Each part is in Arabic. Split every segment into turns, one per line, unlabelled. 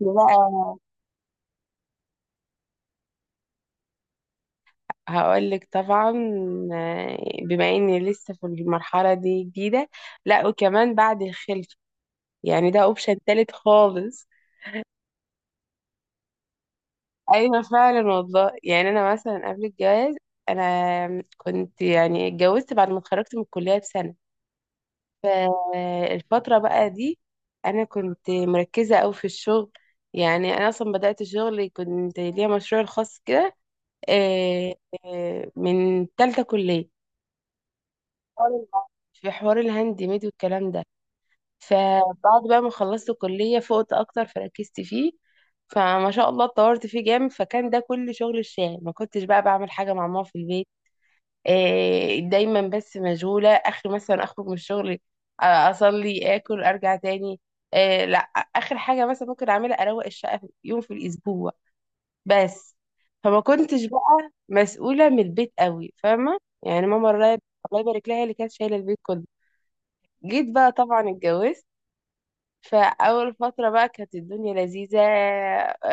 ده بقى. هقولك طبعا. آه، بما اني لسه في المرحلة دي جديدة. لا وكمان بعد الخلفة يعني ده اوبشن تالت خالص. ايوه فعلا والله يعني انا مثلا قبل الجواز انا كنت يعني اتجوزت بعد ما اتخرجت من الكلية بسنة. فالفترة بقى دي انا كنت مركزة اوي في الشغل. يعني انا اصلا بدأت شغلي كنت ليا مشروع الخاص كده. آه، من تالتة كلية. حوار في حوار الهاند ميد والكلام ده. فبعد بقى ما خلصت الكلية فقت أكتر فركزت فيه. فما شاء الله اتطورت فيه جامد فكان ده كل شغل الشاغل. ما كنتش بقى بعمل حاجة مع ماما في البيت. دايما بس مشغولة آخر مثلا أخرج من الشغل، أصلي آكل أرجع تاني. لا، آخر حاجة مثلا ممكن أعملها أروق الشقة يوم في الأسبوع بس. فما كنتش بقى مسؤولة من البيت قوي، فاهمة؟ يعني ماما الله يبارك لها هي اللي كانت شايلة البيت كله. جيت بقى طبعا اتجوزت، فأول فترة بقى كانت الدنيا لذيذة.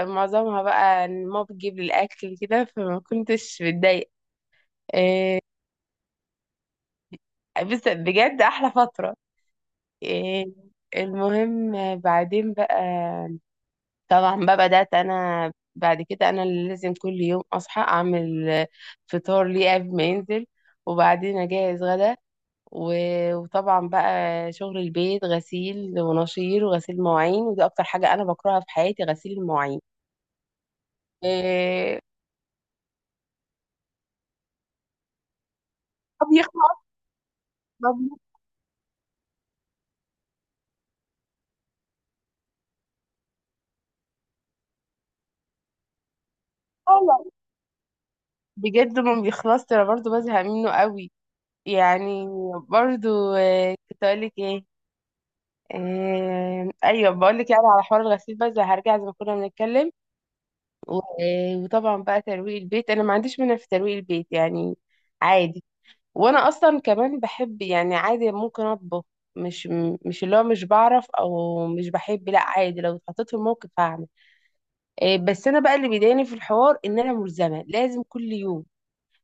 معظمها بقى إن ماما بتجيب لي الأكل كده فما كنتش متضايقة. إيه، بس بجد أحلى فترة. إيه، المهم، بعدين بقى طبعا بقى بدأت أنا بعد كده أنا اللي لازم كل يوم أصحى أعمل فطار ليه قبل ما ينزل، وبعدين أجهز غدا، و- وطبعا بقى شغل البيت، غسيل ونشير وغسيل مواعين، ودي اكتر حاجه انا بكرهها في حياتي، غسيل المواعين. إيه، ما بيخلص. ما بيخلص بجد، ما بيخلصش. انا برضو بزهق منه قوي يعني. برضو إيه كنت اقول لك ايه؟ إيه، ايوه، بقول لك يعني على حوار الغسيل، بس هرجع زي ما كنا بنتكلم. وطبعا بقى ترويق البيت انا ما عنديش منها في ترويق البيت يعني، عادي. وانا اصلا كمان بحب يعني عادي ممكن اطبخ. مش مش اللي هو مش بعرف او مش بحب، لا عادي، لو اتحطيت في الموقف هعمل. بس انا بقى اللي بيضايقني في الحوار ان انا ملزمه لازم كل يوم.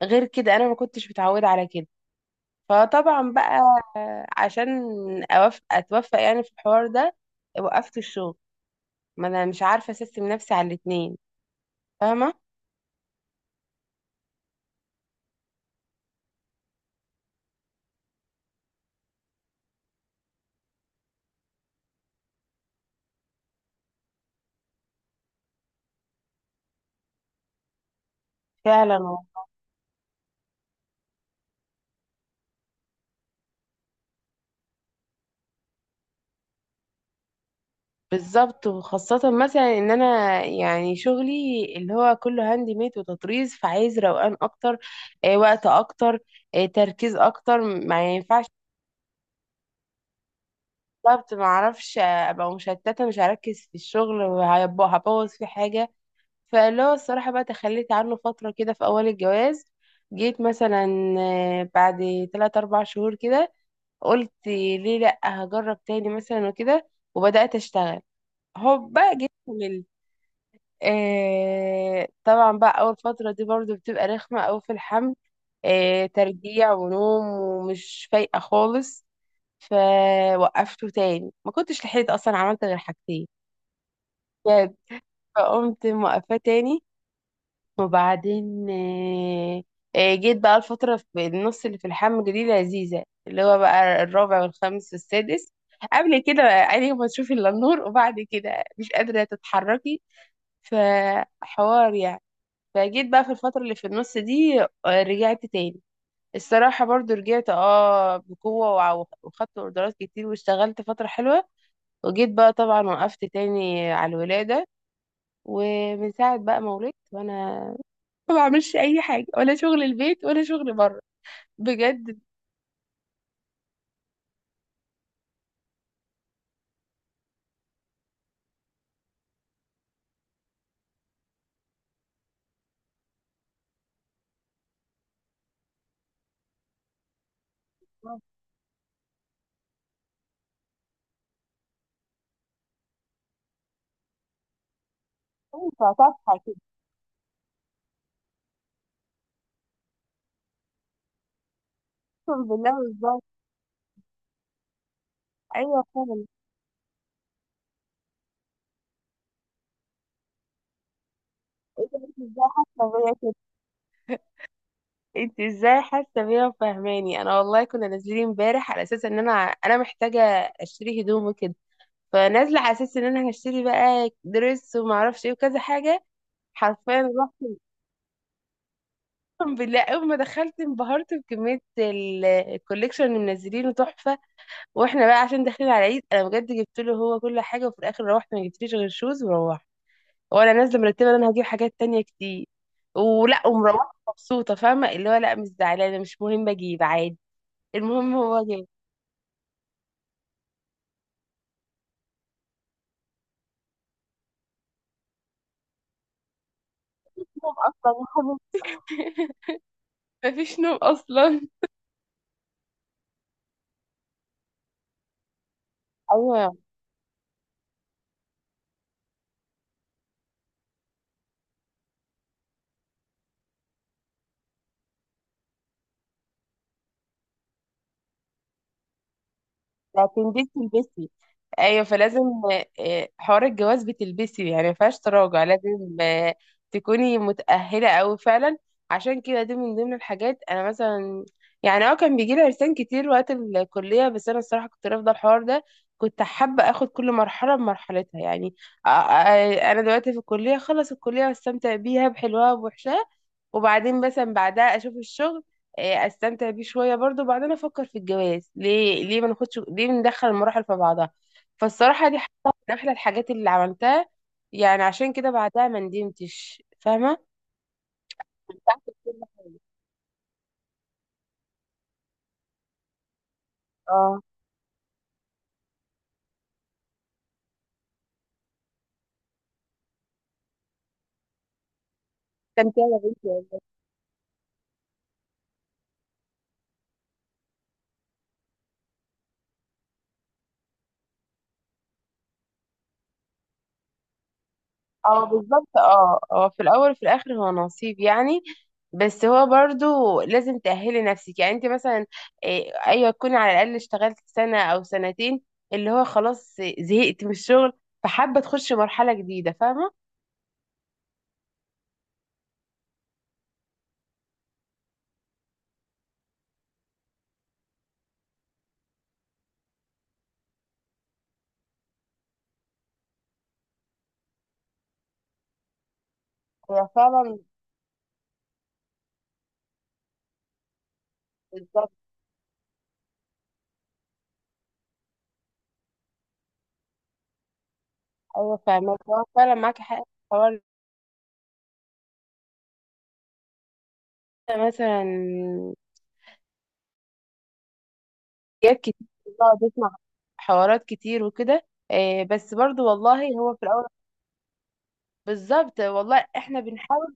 غير كده انا ما كنتش متعوده على كده. فطبعا بقى عشان اتوفق يعني في الحوار ده وقفت الشغل، ما انا مش عارفه اسيستم نفسي على الاتنين، فاهمه؟ فعلا بالظبط، وخاصة مثلا ان انا يعني شغلي اللي هو كله هاند ميد وتطريز، فعايز روقان اكتر، وقت اكتر، تركيز اكتر، ما ينفعش. بالظبط، ما اعرفش، ابقى مشتتة مش هركز في الشغل وهيبقى- هبوظ في حاجة. فاللي هو الصراحة بقى تخليت عنه فترة كده في اول الجواز. جيت مثلا بعد 3 4 شهور كده قلت ليه لا، هجرب تاني مثلا وكده، وبدأت اشتغل. هوبا جيت كملت. طبعا بقى اول فتره دي برضو بتبقى رخمه أوي في الحمل، ترجيع ونوم ومش فايقه خالص. فوقفته تاني، ما كنتش لحقت اصلا، عملت غير حاجتين بجد. فقمت موقفاه تاني. وبعدين جيت بقى الفتره في النص اللي في الحمل دي لذيذه، اللي هو بقى الرابع والخامس والسادس. قبل كده عيني ما تشوفي الا النور، وبعد كده مش قادره تتحركي، فحوار يعني. فجيت بقى في الفترة اللي في النص دي، رجعت تاني. الصراحة برضو رجعت اه بقوة وع- وخدت اوردرات كتير واشتغلت فترة حلوة. وجيت بقى طبعا وقفت تاني على الولادة. ومن ساعة بقى ما ولدت وانا ما بعملش اي حاجة، ولا شغل البيت ولا شغل بره بجد. ينفع صفحة كده؟ اقسم بالله، ازاي! ايوه فعلا. إيه ده؟ انت ازاي حاسة بيا كده؟ انت ازاي حاسة بيا وفاهماني؟ انا والله كنا نازلين امبارح على اساس ان انا محتاجة اشتري هدوم وكده. فنازله على اساس ان انا هشتري بقى دريس وما اعرفش ايه وكذا حاجه. حرفيا رحت اقسم بالله، اول ما دخلت انبهرت بكميه الكوليكشن اللي منزلينه تحفه. واحنا بقى عشان داخلين على العيد انا بجد جبت له هو كل حاجه، وفي الاخر روحت ما جبتليش غير شوز وروحت. وانا نازله مرتبه ان انا هجيب حاجات تانية كتير، ولا ومروحه مبسوطه، فاهمه اللي هو لا مش زعلانه، مش مهم اجيب عادي، المهم هو جاي. مفيش نوم اصلا. ايوه هتنبسي تلبسي. ايوه فلازم، حوار الجواز بتلبسي يعني، ما فيهاش تراجع، لازم تكوني متأهلة أوي فعلا. عشان كده دي من ضمن الحاجات انا مثلا، يعني اه كان بيجي لي عرسان كتير وقت الكلية بس انا الصراحة كنت رافضة الحوار ده. كنت حابة اخد كل مرحلة بمرحلتها يعني. انا دلوقتي في الكلية، خلص الكلية واستمتع بيها بحلوها وبوحشها، وبعدين مثلا بعدها اشوف الشغل، استمتع بيه شويه برضو، وبعدين افكر في الجواز. ليه ليه ما ناخدش، ليه ندخل المراحل في بعضها؟ فالصراحة دي حاجة من أحلى الحاجات اللي عملتها. يعني عشان كده بعدها ما ندمتش، فاهمة؟ استمتعت بكل حاجة، اه. استمتعت يا بنتي والله. اه بالظبط، اه اه، في الأول وفي الآخر هو نصيب يعني. بس هو برضو لازم تأهلي نفسك يعني، انت مثلا أيوة تكوني على الأقل اشتغلت سنة أو سنتين، اللي هو خلاص زهقت من الشغل فحابة تخش مرحلة جديدة، فاهمة؟ هي فعلا بالظبط. أيوة فاهمة، هو فعلا معاكي حق في الحوار. ده مثلا حاجات كتير، بقعد اسمع حوارات كتير وكده. بس برضو والله هو في الاول. بالظبط والله احنا بنحاول.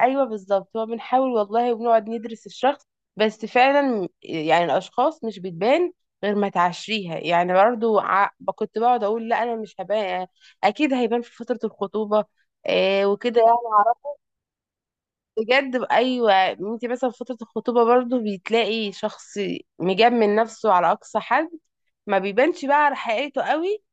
ايوه بالظبط، هو بنحاول والله وبنقعد ندرس الشخص، بس فعلا يعني الاشخاص مش بتبان غير ما تعشريها يعني. برضو كنت بقعد اقول لا انا مش هبان، اكيد هيبان في فترة الخطوبة. وكده يعني عرفت بجد. ايوه انت مثلا في فترة الخطوبة برضو بتلاقي شخص مجمل نفسه على اقصى حد، ما بيبانش بقى على حقيقته قوي.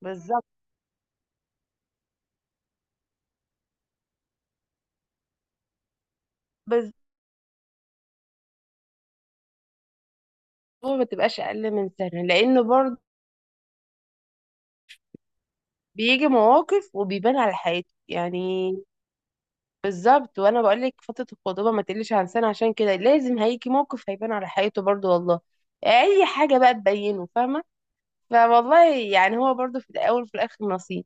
بالظبط. بس هو ما تبقاش اقل من سنه لانه برضه بيجي مواقف وبيبان على حياته يعني. بالظبط، وانا بقول لك فتره الخطوبه ما تقلش عن سنه عشان كده، لازم هيجي موقف هيبان على حياته برضه والله، اي حاجه بقى تبينه، فاهمه؟ فوالله يعني هو برضه في الاول وفي الاخر نصيب.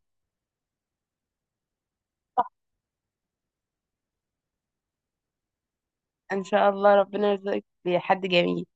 ان شاء الله، ربنا يرزقك بحد جميل.